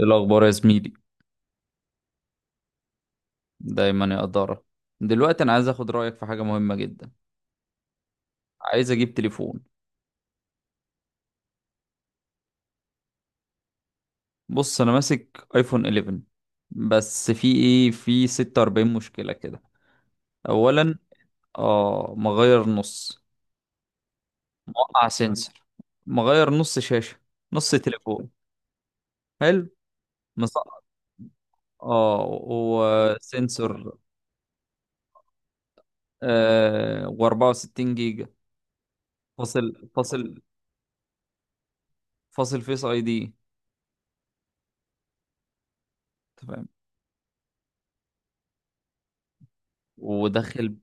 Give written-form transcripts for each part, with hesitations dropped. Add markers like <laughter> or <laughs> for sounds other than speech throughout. إيه الأخبار يا زميلي؟ دايما يا قدارة. دلوقتي أنا عايز أخد رأيك في حاجة مهمة جدا. عايز أجيب تليفون. بص أنا ماسك آيفون 11، بس في إيه، في 46 مشكلة كده. أولا، آه، مغير نص. وقع سنسور. مغير نص شاشة. نص تليفون. حلو. مسقط. آه، وسنسور. آه، و64 جيجا. فاصل، فاصل، فاصل فيس أي دي. تمام. وداخل.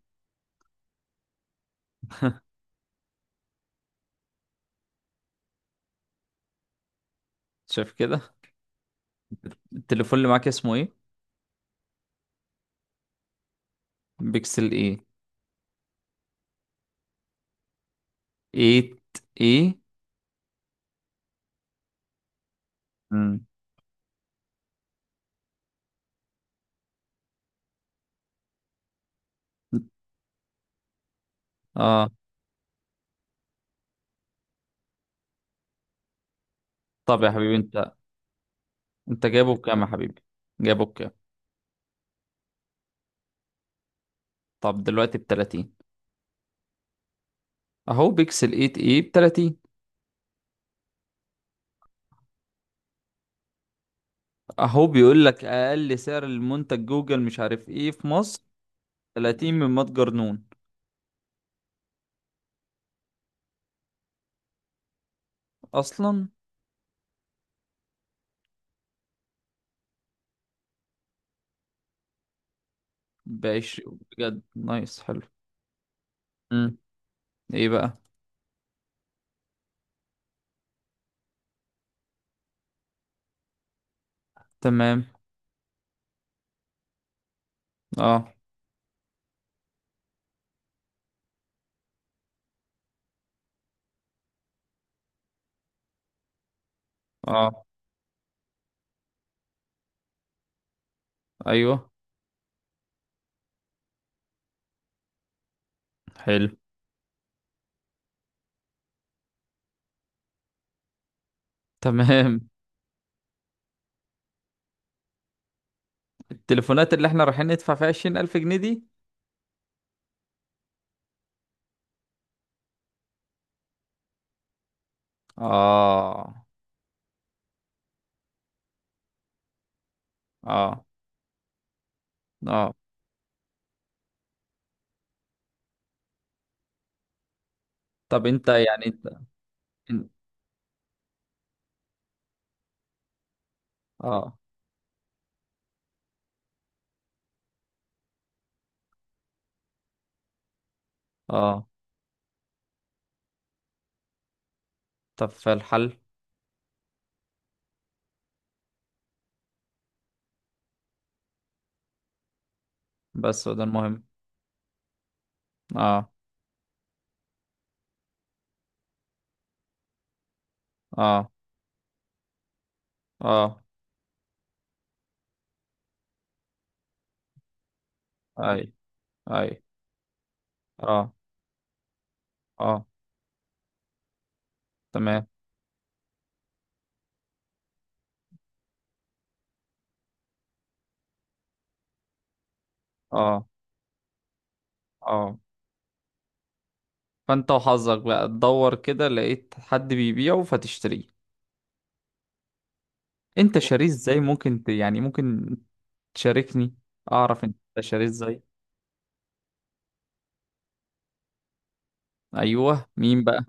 شايف كده. التليفون اللي معاك اسمه إيه؟ بيكسل ايه؟ 8 ايه؟ امم. اه. طب يا حبيبي، انت جايبه بكام يا حبيبي؟ جايبه بكام؟ طب دلوقتي ب 30؟ اهو بيكسل 8 ايه ب 30. اهو بيقول لك اقل سعر المنتج جوجل مش عارف ايه في مصر 30 من متجر نون. اصلا ب 20، بجد؟ نايس، حلو. امم. ايه بقى؟ تمام. اه، اه، ايوه. حلو. تمام. التليفونات اللي احنا رايحين ندفع فيها 20000 جنيه دي. اه، اه، اه. طب انت، يعني انت، ان- اه، اه. طب في الحل؟ بس وده المهم. اه، اه، اه. اي، اي. اه، اه. تمام. اه، اه. فانت وحظك بقى تدور كده، لقيت حد بيبيعه فتشتريه. انت شاريه ازاي؟ ممكن يعني ممكن تشاركني؟ اعرف انت شاريه ازاي. ايوه، مين بقى؟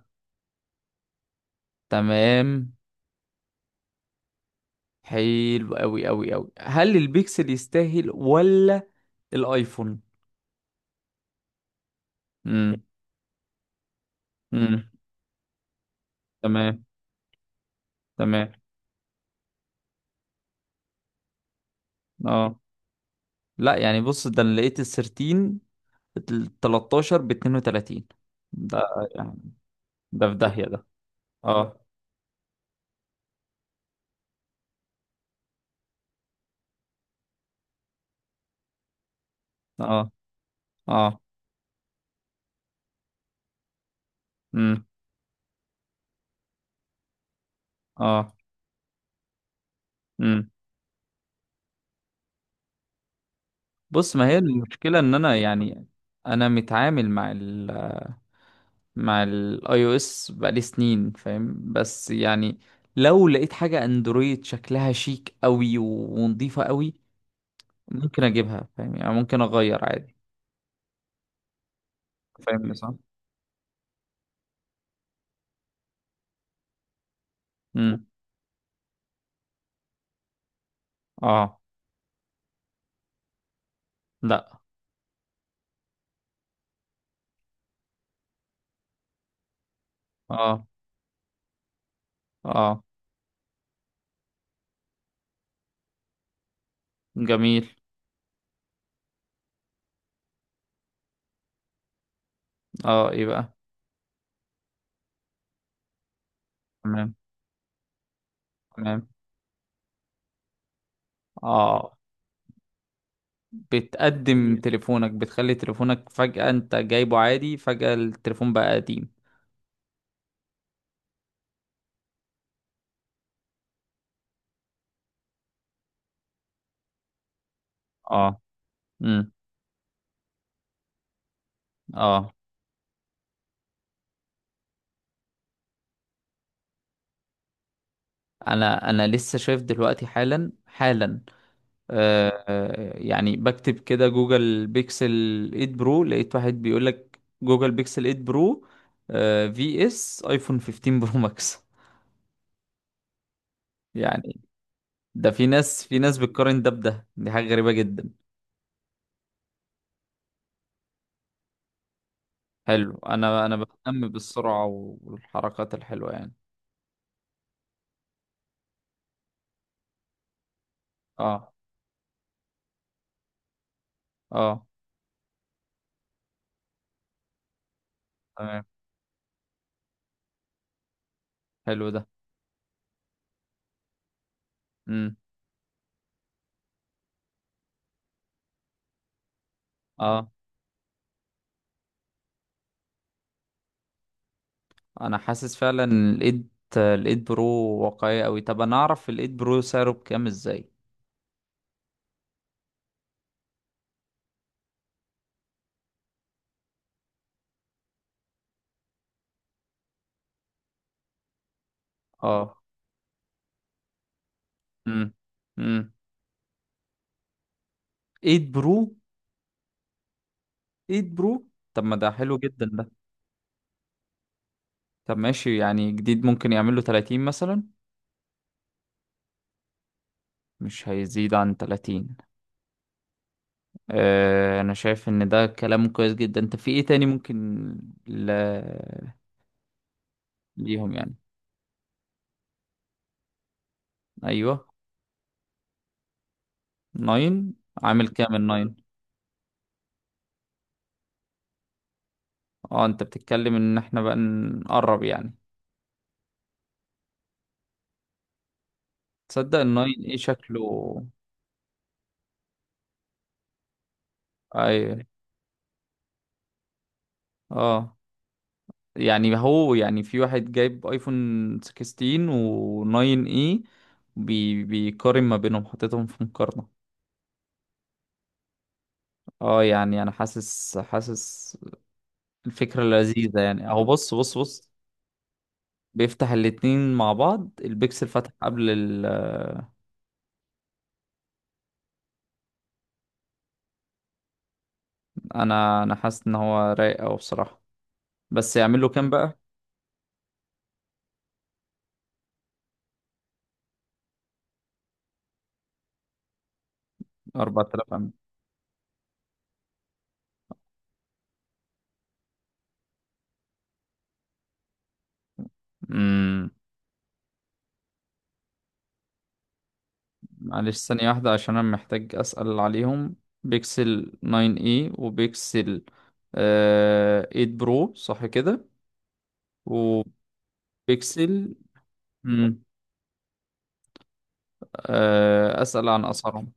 تمام. حلو قوي قوي قوي. هل البيكسل يستاهل ولا الايفون؟ امم. امم. تمام. تمام. اه. لا يعني، بص، ده انا لقيت ال 13، ال 13 ب 32 ده. يعني ده في داهية ده. اه، اه، اه. امم. اه. امم. بص، ما هي المشكلة ان انا يعني، انا متعامل مع ال مع الاي او اس بقالي سنين، فاهم. بس يعني لو لقيت حاجة اندرويد شكلها شيك قوي ونظيفة قوي ممكن اجيبها، فاهم يعني. ممكن اغير عادي. فاهم صح. امم. اه. لا. اه، اه، جميل. اه، ايه بقى؟ تمام. تمام. اه. بتقدم تليفونك، بتخلي تليفونك فجأة، انت جايبه عادي فجأة التليفون بقى قديم. اه. امم. اه. انا لسه شايف دلوقتي حالا حالا. آه، آه، يعني بكتب كده جوجل بيكسل 8 برو، لقيت واحد بيقول لك جوجل بيكسل 8 برو آه في اس ايفون 15 برو ماكس. <laughs> يعني، ده في ناس بتقارن ده بده. دي حاجة غريبة جدا. حلو. انا بهتم بالسرعة والحركات الحلوة يعني. اه، اه. تمام. حلو ده. امم. اه. انا حاسس فعلا إن الايد برو واقعية قوي. طب انا اعرف الايد برو سعره بكام ازاي؟ اه. امم. امم. ايد برو. ايد برو. طب ما ده حلو جدا ده. طب ماشي، يعني جديد ممكن يعمل له 30 مثلا؟ مش هيزيد عن 30؟ آه، انا شايف ان ده كلام كويس جدا. انت في ايه تاني ممكن ل... ليهم يعني؟ ايوه. 9. عامل كام ال 9؟ اه، انت بتتكلم ان احنا بقى نقرب يعني. تصدق ال 9. ايه شكله؟ ايوه. اه، يعني هو، يعني في واحد جايب ايفون 16 و 9 اي، بيقارن ما بينهم، حاططهم في مقارنة. اه، يعني انا حاسس الفكرة لذيذة يعني. اهو، بص، بص، بص، بيفتح الاتنين مع بعض، البيكسل فتح قبل انا حاسس ان هو رايق اوي بصراحة. بس يعمل له كام بقى؟ 4000 أم. أمم، معلش ثانية واحدة عشان أنا محتاج أسأل عليهم. بيكسل 9 اي، وبيكسل 8 برو صح كده؟ وبيكسل. مم. آه، أسأل عن أسعارهم.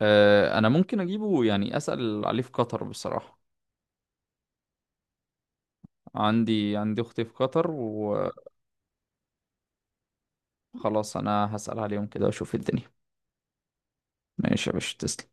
آه، أنا ممكن أجيبه، يعني أسأل عليه في قطر بصراحة. عندي أختي في قطر وخلاص. أنا هسأل عليهم كده وأشوف الدنيا. ماشي يا باشا، تسلم.